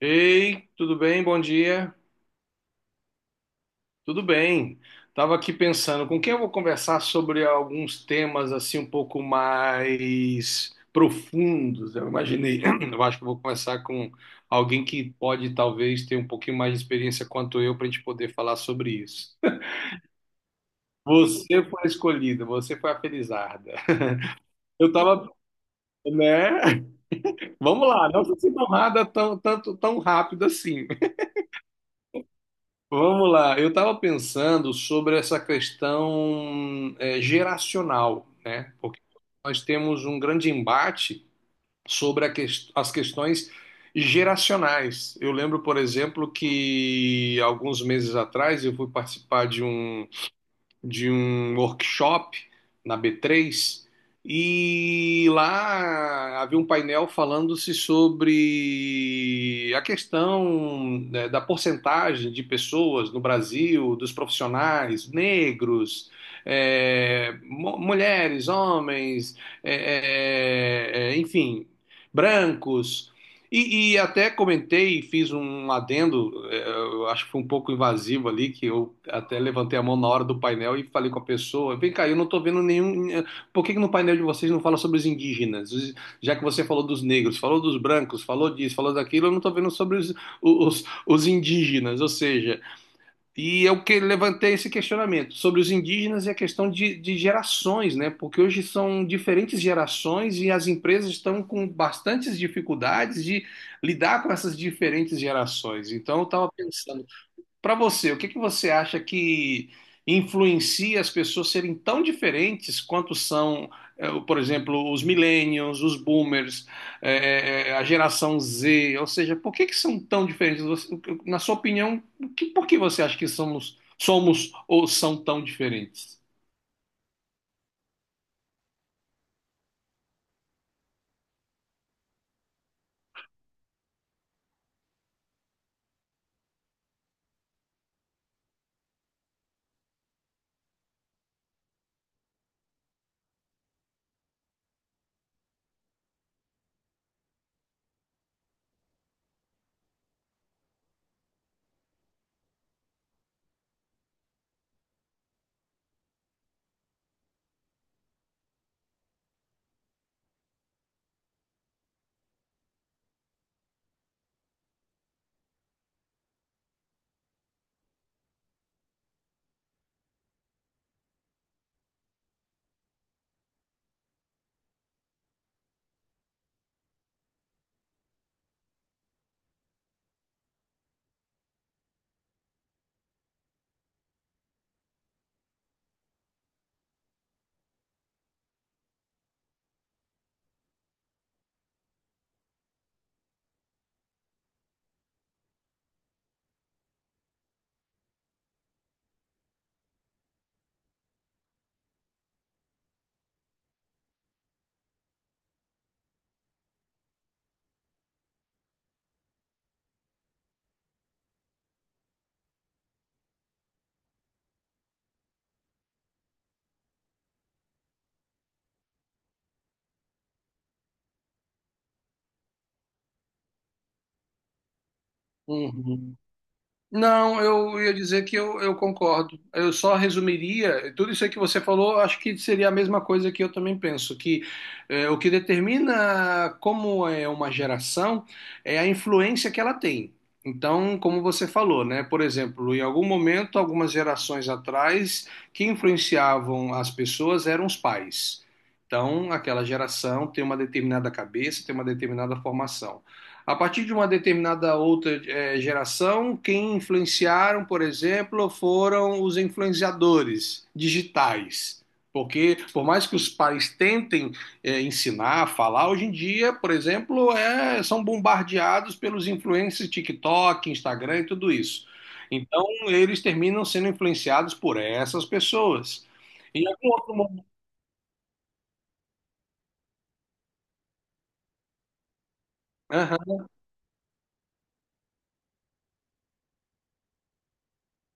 Ei, tudo bem? Bom dia. Tudo bem. Tava aqui pensando com quem eu vou conversar sobre alguns temas assim um pouco mais profundos. Eu imaginei, eu acho que eu vou conversar com alguém que pode talvez ter um pouquinho mais de experiência quanto eu para a gente poder falar sobre isso. Você foi a escolhida, você foi a felizarda. Eu tava, né? Vamos lá, não se sinta honrada tão, tanto, tão rápido assim. Vamos lá, eu estava pensando sobre essa questão geracional, né? Porque nós temos um grande embate sobre a as questões geracionais. Eu lembro, por exemplo, que alguns meses atrás eu fui participar de um workshop na B3, e lá havia um painel falando-se sobre a questão, né, da porcentagem de pessoas no Brasil, dos profissionais negros, é, mulheres, homens, enfim, brancos e, até comentei, e fiz um adendo, eu acho que foi um pouco invasivo ali, que eu até levantei a mão na hora do painel e falei com a pessoa, vem cá, eu não tô vendo nenhum, eh, por que que no painel de vocês não fala sobre os indígenas? Já que você falou dos negros, falou dos brancos, falou disso, falou daquilo, eu não tô vendo sobre os indígenas, ou seja, e eu que levantei esse questionamento sobre os indígenas e a questão de, gerações, né? Porque hoje são diferentes gerações e as empresas estão com bastantes dificuldades de lidar com essas diferentes gerações. Então, eu estava pensando, para você, o que que você acha que influencia as pessoas serem tão diferentes quanto são, por exemplo, os millennials, os boomers, a geração Z? Ou seja, por que que são tão diferentes? Na sua opinião, por que você acha que somos, somos ou são tão diferentes? Não, eu ia dizer que eu concordo. Eu só resumiria, tudo isso aí que você falou, eu acho que seria a mesma coisa que eu também penso, que o que determina como é uma geração é a influência que ela tem. Então, como você falou, né? Por exemplo, em algum momento, algumas gerações atrás, quem influenciavam as pessoas eram os pais. Então, aquela geração tem uma determinada cabeça, tem uma determinada formação. A partir de uma determinada outra geração, quem influenciaram, por exemplo, foram os influenciadores digitais. Porque, por mais que os pais tentem ensinar, falar, hoje em dia, por exemplo, eh, são bombardeados pelos influencers TikTok, Instagram e tudo isso. Então, eles terminam sendo influenciados por essas pessoas. Em algum outro momento.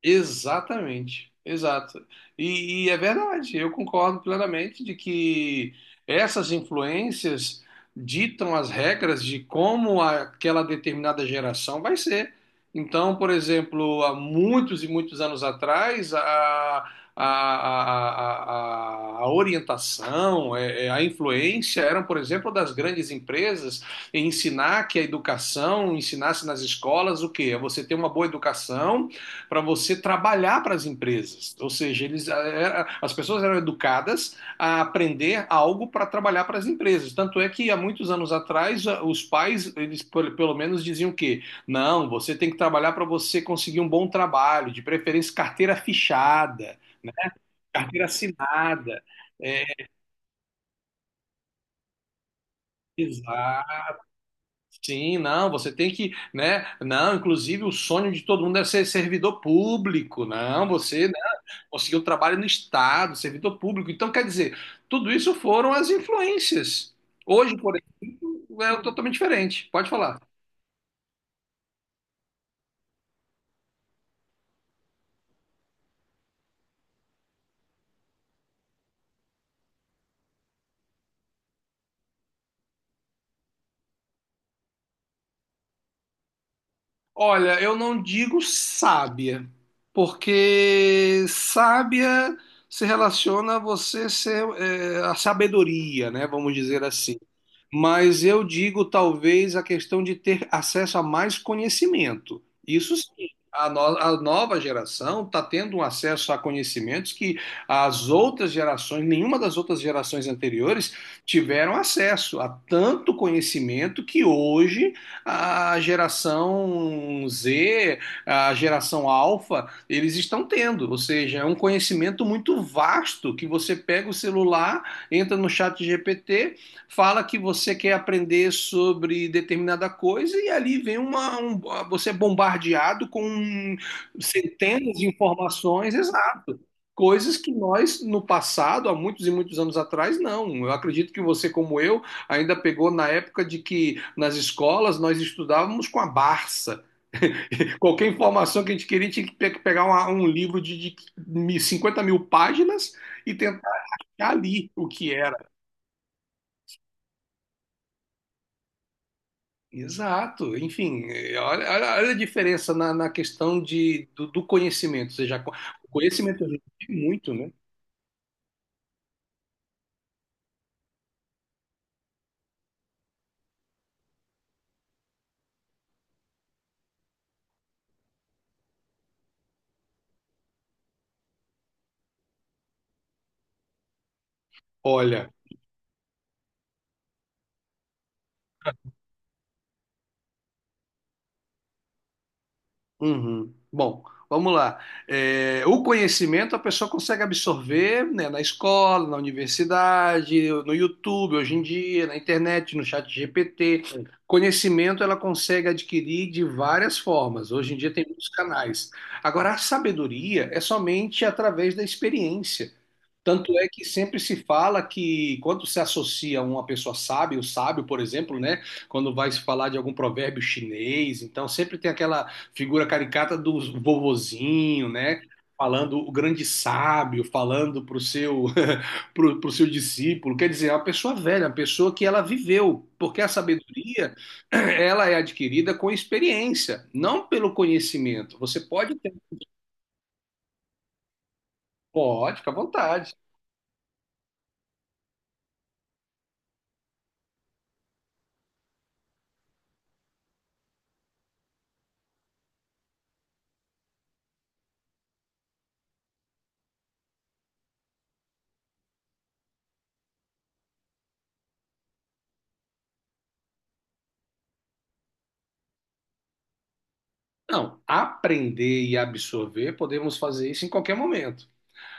Exatamente, exato. E é verdade, eu concordo plenamente de que essas influências ditam as regras de como aquela determinada geração vai ser. Então, por exemplo, há muitos e muitos anos atrás, a, a orientação, a influência eram, por exemplo, das grandes empresas em ensinar que a educação, ensinasse nas escolas o quê? É você ter uma boa educação para você trabalhar para as empresas. Ou seja, eles, as pessoas eram educadas a aprender algo para trabalhar para as empresas. Tanto é que há muitos anos atrás, os pais, eles pelo menos diziam que não, você tem que trabalhar para você conseguir um bom trabalho, de preferência carteira fichada, né? Carteira assinada. É, exato. Sim, não, você tem que, né? Não, inclusive o sonho de todo mundo é ser servidor público. Não, você, né, conseguiu trabalho no Estado, servidor público. Então, quer dizer, tudo isso foram as influências. Hoje, por exemplo, é totalmente diferente. Pode falar. Olha, eu não digo sábia, porque sábia se relaciona a você ser, é, a sabedoria, né? Vamos dizer assim. Mas eu digo talvez a questão de ter acesso a mais conhecimento. Isso sim. A, no- A nova geração está tendo um acesso a conhecimentos que as outras gerações, nenhuma das outras gerações anteriores, tiveram acesso a tanto conhecimento que hoje a geração Z, a geração alfa, eles estão tendo. Ou seja, é um conhecimento muito vasto que você pega o celular, entra no chat GPT, fala que você quer aprender sobre determinada coisa e ali vem você é bombardeado com centenas de informações, exato. Coisas que nós, no passado, há muitos e muitos anos atrás, não. Eu acredito que você, como eu, ainda pegou na época de que nas escolas nós estudávamos com a Barça. Qualquer informação que a gente queria, tinha que pegar um livro de, 50 mil páginas e tentar achar ali o que era. Exato, enfim, eh, olha a diferença na, na questão de, do conhecimento, ou seja, o conhecimento ajuda muito, né? Olha, uhum. Bom, vamos lá. Eh, o conhecimento a pessoa consegue absorver, né, na escola, na universidade, no YouTube, hoje em dia, na internet, no chat GPT. Conhecimento ela consegue adquirir de várias formas, hoje em dia tem muitos canais. Agora, a sabedoria é somente através da experiência. Tanto é que sempre se fala que quando se associa uma pessoa sábia, o sábio, por exemplo, né, quando vai se falar de algum provérbio chinês, então sempre tem aquela figura caricata do vovozinho, né, falando o grande sábio, falando para o seu pro seu discípulo. Quer dizer, é uma pessoa velha, uma pessoa que ela viveu, porque a sabedoria ela é adquirida com experiência, não pelo conhecimento. Você pode ter, pode, fica à vontade. Não, aprender e absorver, podemos fazer isso em qualquer momento.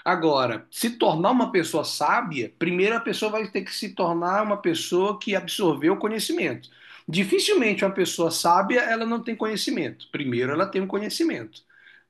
Agora, se tornar uma pessoa sábia, primeiro a pessoa vai ter que se tornar uma pessoa que absorveu o conhecimento. Dificilmente uma pessoa sábia, ela não tem conhecimento. Primeiro ela tem um conhecimento.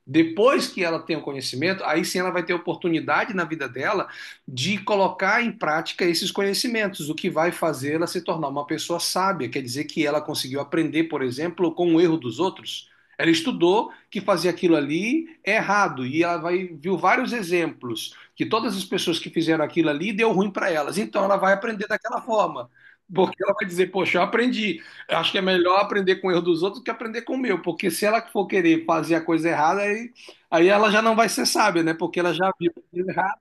Depois que ela tem o conhecimento, aí sim ela vai ter oportunidade na vida dela de colocar em prática esses conhecimentos, o que vai fazer ela se tornar uma pessoa sábia. Quer dizer que ela conseguiu aprender, por exemplo, com o erro dos outros. Ela estudou que fazer aquilo ali é errado e ela vai, viu vários exemplos que todas as pessoas que fizeram aquilo ali deu ruim para elas. Então ela vai aprender daquela forma, porque ela vai dizer: Poxa, eu aprendi. Eu acho que é melhor aprender com o erro dos outros do que aprender com o meu, porque se ela for querer fazer a coisa errada, aí ela já não vai ser sábia, né? Porque ela já viu que deu errado.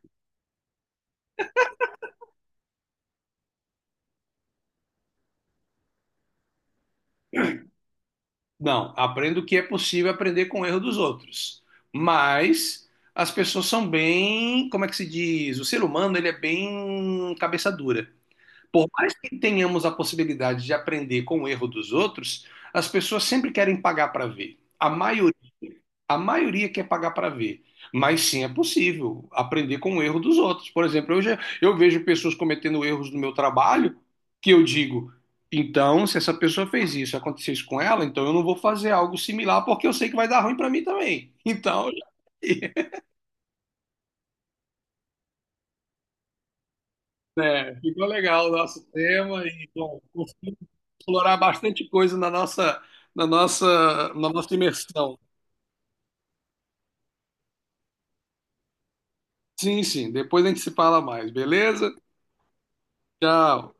Não, aprendo o que é possível aprender com o erro dos outros. Mas as pessoas são bem, como é que se diz? O ser humano, ele é bem cabeça dura. Por mais que tenhamos a possibilidade de aprender com o erro dos outros, as pessoas sempre querem pagar para ver. A maioria quer pagar para ver, mas sim é possível aprender com o erro dos outros. Por exemplo, eu vejo pessoas cometendo erros no meu trabalho que eu digo, então, se essa pessoa fez isso, aconteceu isso com ela, então eu não vou fazer algo similar porque eu sei que vai dar ruim para mim também. Então, né, ficou legal o nosso tema e bom, conseguimos explorar bastante coisa na nossa, na nossa imersão. Sim, sim, depois a gente se fala mais, beleza? Tchau.